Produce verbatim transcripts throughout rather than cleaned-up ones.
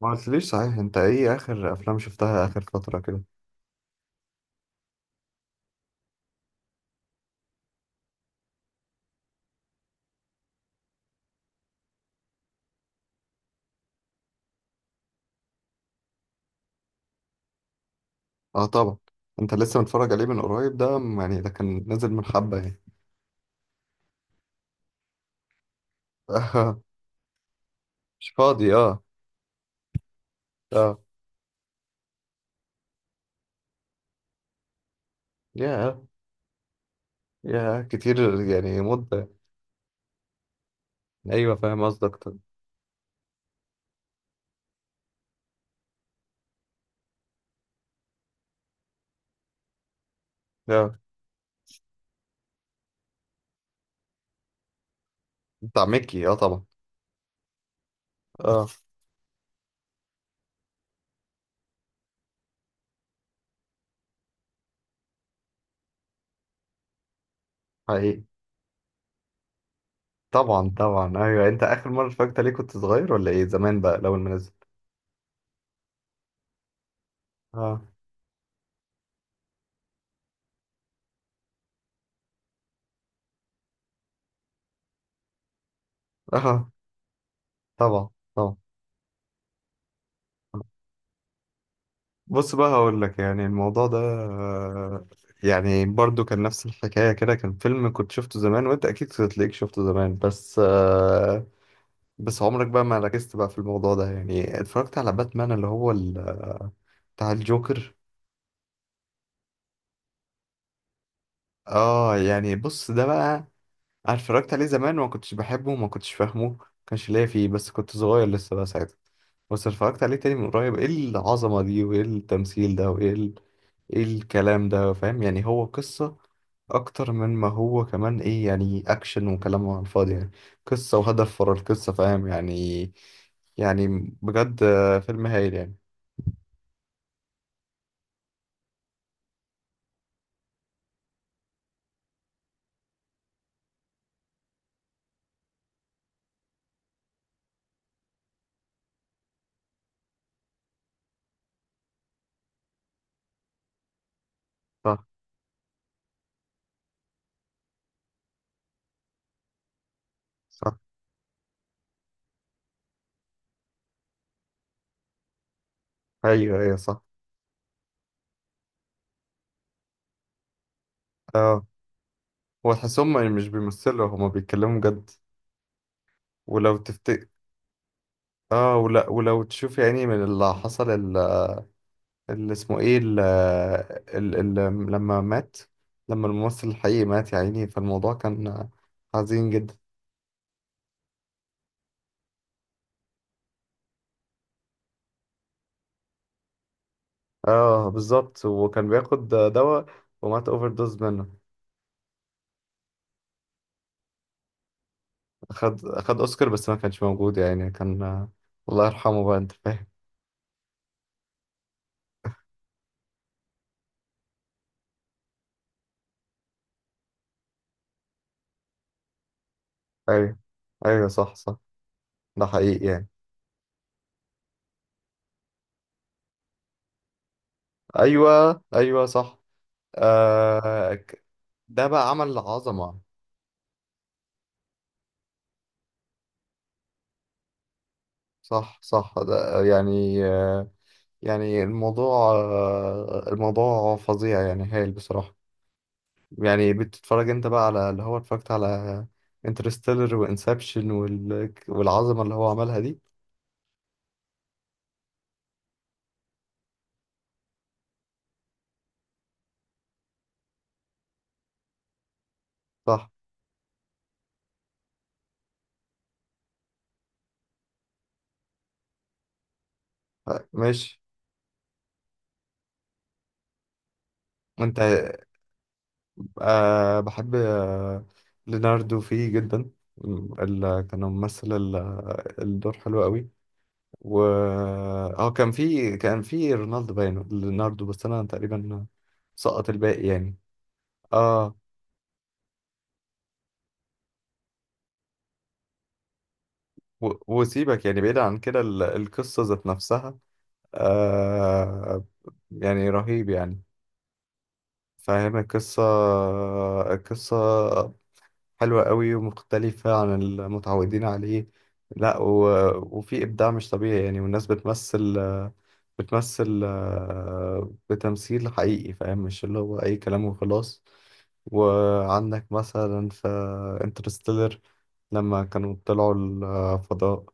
ما قلتليش صحيح، انت ايه اخر افلام شفتها اخر فترة كده؟ اه طبعا. انت لسه متفرج عليه من قريب ده، م- يعني ده كان نازل من حبة يعني. مش فاضي، اه. اه. يا يا كتير يعني، مدة. ايوه، فاهم قصدك، طب. يا بتاع ميكي، اه طبعا. اه. حقيقي. طبعا طبعا، ايوه، انت اخر مرة اتفرجت عليه كنت صغير ولا ايه؟ زمان بقى لو المنزل؟ اه. اه طبعا طبعا. بص بقى، هقول لك يعني الموضوع ده، آه، يعني برضو كان نفس الحكاية كده، كان فيلم كنت شفته زمان، وانت اكيد تلاقيك شفته زمان بس، آه، بس عمرك بقى ما ركزت بقى في الموضوع ده. يعني اتفرجت على باتمان، اللي هو ال- بتاع الجوكر. اه يعني بص، ده بقى أنا اتفرجت عليه زمان وما كنتش بحبه وما كنتش فاهمه، ما كانش ليا فيه، بس كنت صغير لسه بقى ساعتها. بس اتفرجت عليه تاني من قريب، ايه العظمة دي وايه التمثيل ده وايه ال... ايه الكلام ده؟ فاهم يعني؟ هو قصة اكتر من ما هو كمان، ايه يعني، اكشن وكلام على الفاضي يعني، قصة وهدف ورا القصة، فاهم يعني؟ يعني بجد، آه، فيلم هايل يعني. صح صح. ايوه ايوه صح. اه، هو تحسهم مش بيمثلوا، هما بيتكلموا بجد. ولو تفت... اه، ولا ولو تشوف يعني من اللي حصل، ال- اللي اسمه ايه، ال ال ال لما مات، لما الممثل الحقيقي مات يا عيني، فالموضوع كان حزين جدا. اه بالظبط، وكان بياخد دواء ومات اوفر دوز منه. اخد اخد اوسكار بس ما كانش موجود يعني، كان الله يرحمه بقى، انت فاهم. ايوه ايوه صح صح. ده حقيقي يعني. ايوه ايوه صح. آه ك- ده بقى عمل عظمة. صح صح، ده يعني، يعني الموضوع آه، الموضوع فظيع يعني، هايل بصراحة. يعني بتتفرج انت بقى على اللي هو اتفرجت على انترستيلر وانسبشن وال... والعظمة اللي هو عملها دي. صح. آه، ماشي. انت؟ أه بحب، آه، ليناردو فيه جدا، اللي كان ممثل ال- الدور حلو قوي. و اه، كان في كان في رونالدو باين ليناردو، بس انا تقريبا سقط الباقي يعني. اه و- وسيبك يعني، بعيد عن كده، ال- القصة ذات نفسها. آه. يعني رهيب يعني، فاهم، القصة، القصة حلوة قوي ومختلفة عن المتعودين عليه. لا، و... وفي إبداع مش طبيعي يعني، والناس بتمثل، بتمثل آه، بتمثيل حقيقي، فاهم، مش اللي هو أي كلام وخلاص. وعندك مثلا في انترستيلر، لما كانوا طلعوا الفضاء،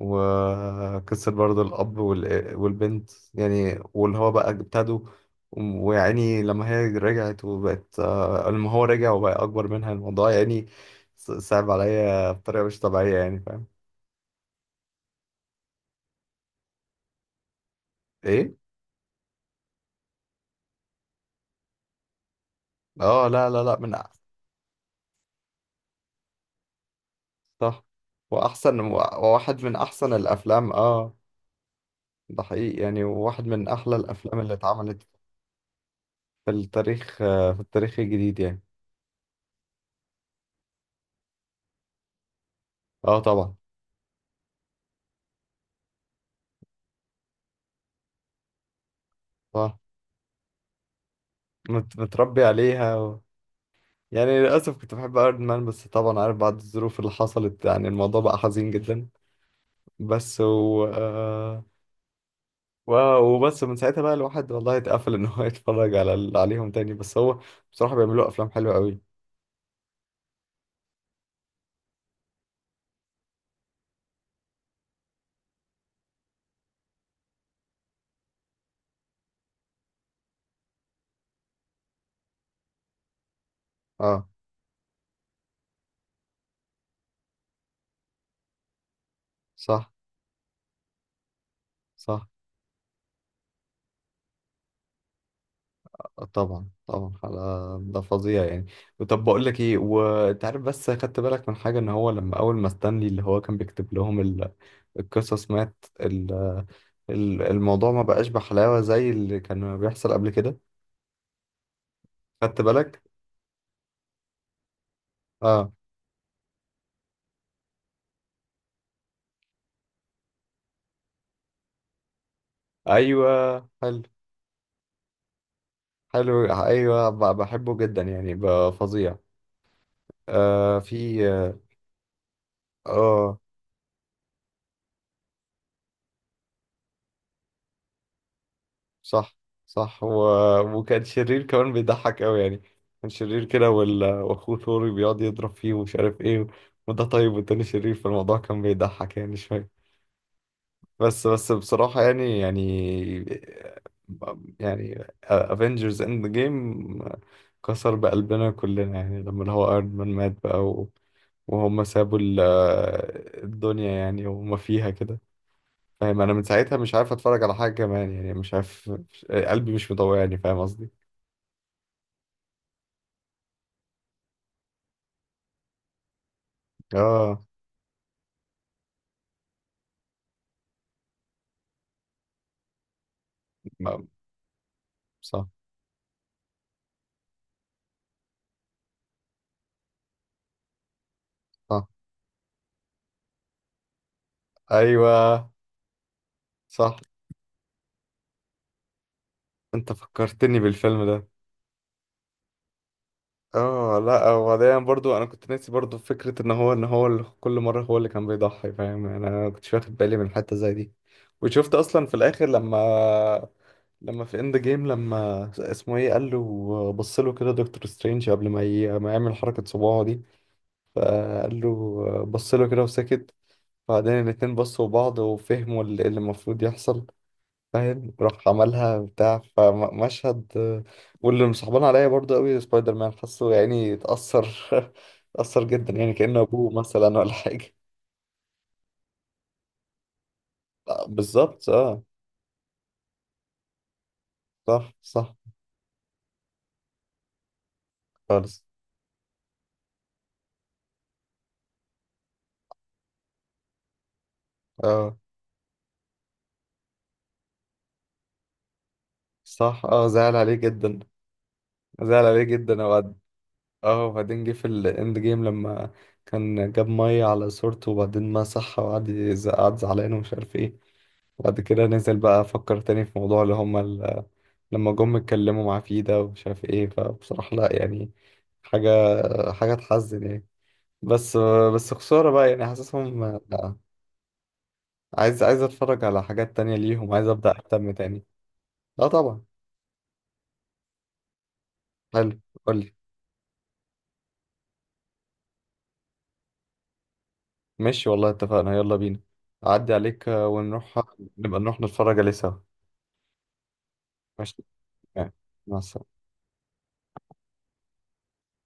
وكسر برضه الأب وال- والبنت يعني، واللي هو بقى ابتدوا، ويعني لما هي رجعت وبقت آه، لما هو رجع وبقى أكبر منها، الموضوع يعني ص- صعب عليا بطريقة مش طبيعية يعني، فاهم؟ إيه؟ آه لا لا لا، من أح- صح، وأحسن و- وواحد من أحسن الأفلام، آه. ده حقيقي يعني، واحد من أحلى الأفلام اللي اتعملت في التاريخ، آه، في التاريخ الجديد يعني. آه طبعا. صح. مت- متربي عليها يعني، للأسف كنت بحب ايرون مان بس طبعا عارف بعد الظروف اللي حصلت، يعني الموضوع بقى حزين جدا. بس و... آه، و... وبس من ساعتها بقى الواحد والله اتقفل ان هو يتفرج على ال- عليهم تاني، بس هو بصراحة بيعملوا افلام حلوة قوي. اه. صح صح. طبعا طبعا على، ده فظيع يعني. طب بقول لك ايه، وانت عارف بس خدت بالك من حاجة، ان هو لما اول ما ستانلي اللي هو كان بيكتب لهم ال... القصص مات، ال... ال- الموضوع ما بقاش بحلاوة زي اللي كان بيحصل قبل كده. خدت بالك؟ اه. ايوه حلو. حلو، ايوه ب- بحبه جدا يعني، ب- فظيع. آه، في اه، آه، صح صح، و... وكان شرير كمان بيضحك قوي يعني. كان شرير كده، وال... واخوه ثوري بيقعد يضرب فيه ومش عارف ايه، وده طيب والتاني شرير، فالموضوع كان بيضحك يعني شويه. بس بس بصراحه يعني، يعني يعني افنجرز اند جيم كسر بقلبنا كلنا يعني لما اللي هو ايرون مان مات بقى، وهم سابوا ال- الدنيا يعني، وهم فيها كده. فاهم انا من ساعتها مش عارف اتفرج على حاجه كمان يعني، مش عارف، مش- قلبي مش مطوعني، فاهم قصدي. اه. ما- صح صح. ايوه صح. انت فكرتني بالفيلم ده. اه لا، وبعدين برضو انا كنت ناسي برضو فكرة ان هو، ان هو اللي كل مرة هو اللي كان بيضحي، فاهم يعني، انا كنتش واخد بالي من حتة زي دي. وشفت اصلا في الاخر، لما لما في اند جيم، لما اسمه ايه قال له، بص له كده دكتور سترينج قبل ما ي... ما يعمل حركة صباعه دي، فقال له، بص له كده وسكت، بعدين الاتنين بصوا لبعض وفهموا اللي اللي المفروض يحصل، فاهم، راح عملها بتاع فمشهد. واللي مصاحبان عليا برضو قوي سبايدر مان، حاسه يعني اتأثر اتأثر جدا يعني كأنه أبوه مثلا ولا حاجة. آه، بالظبط، اه. صح صح. خالص. اه. صح، اه. زعل عليه جدا، زعل عليه جدا وبعد. اه، وبعدين جه في الاند جيم لما كان جاب مية على صورته وبعدين مسحها، وقعد يز- قعد زعلان ومش عارف ايه، وبعد كده نزل بقى فكر تاني في موضوع اللي هما، لما جم اتكلموا معاه فيه ده، ومش عارف ايه، فبصراحة لا يعني، حاجة حاجة تحزن يعني. بس بس خسارة بقى يعني حاسسهم. لا. عايز عايز اتفرج على حاجات تانية ليهم، عايز ابدأ اهتم تاني. اه طبعا. حلو. قولي. ماشي والله، اتفقنا، يلا بينا. اعدي عليك، آه، ونروح نبقى نروح نتفرج عليه سوا. ماشي. مع السلامة.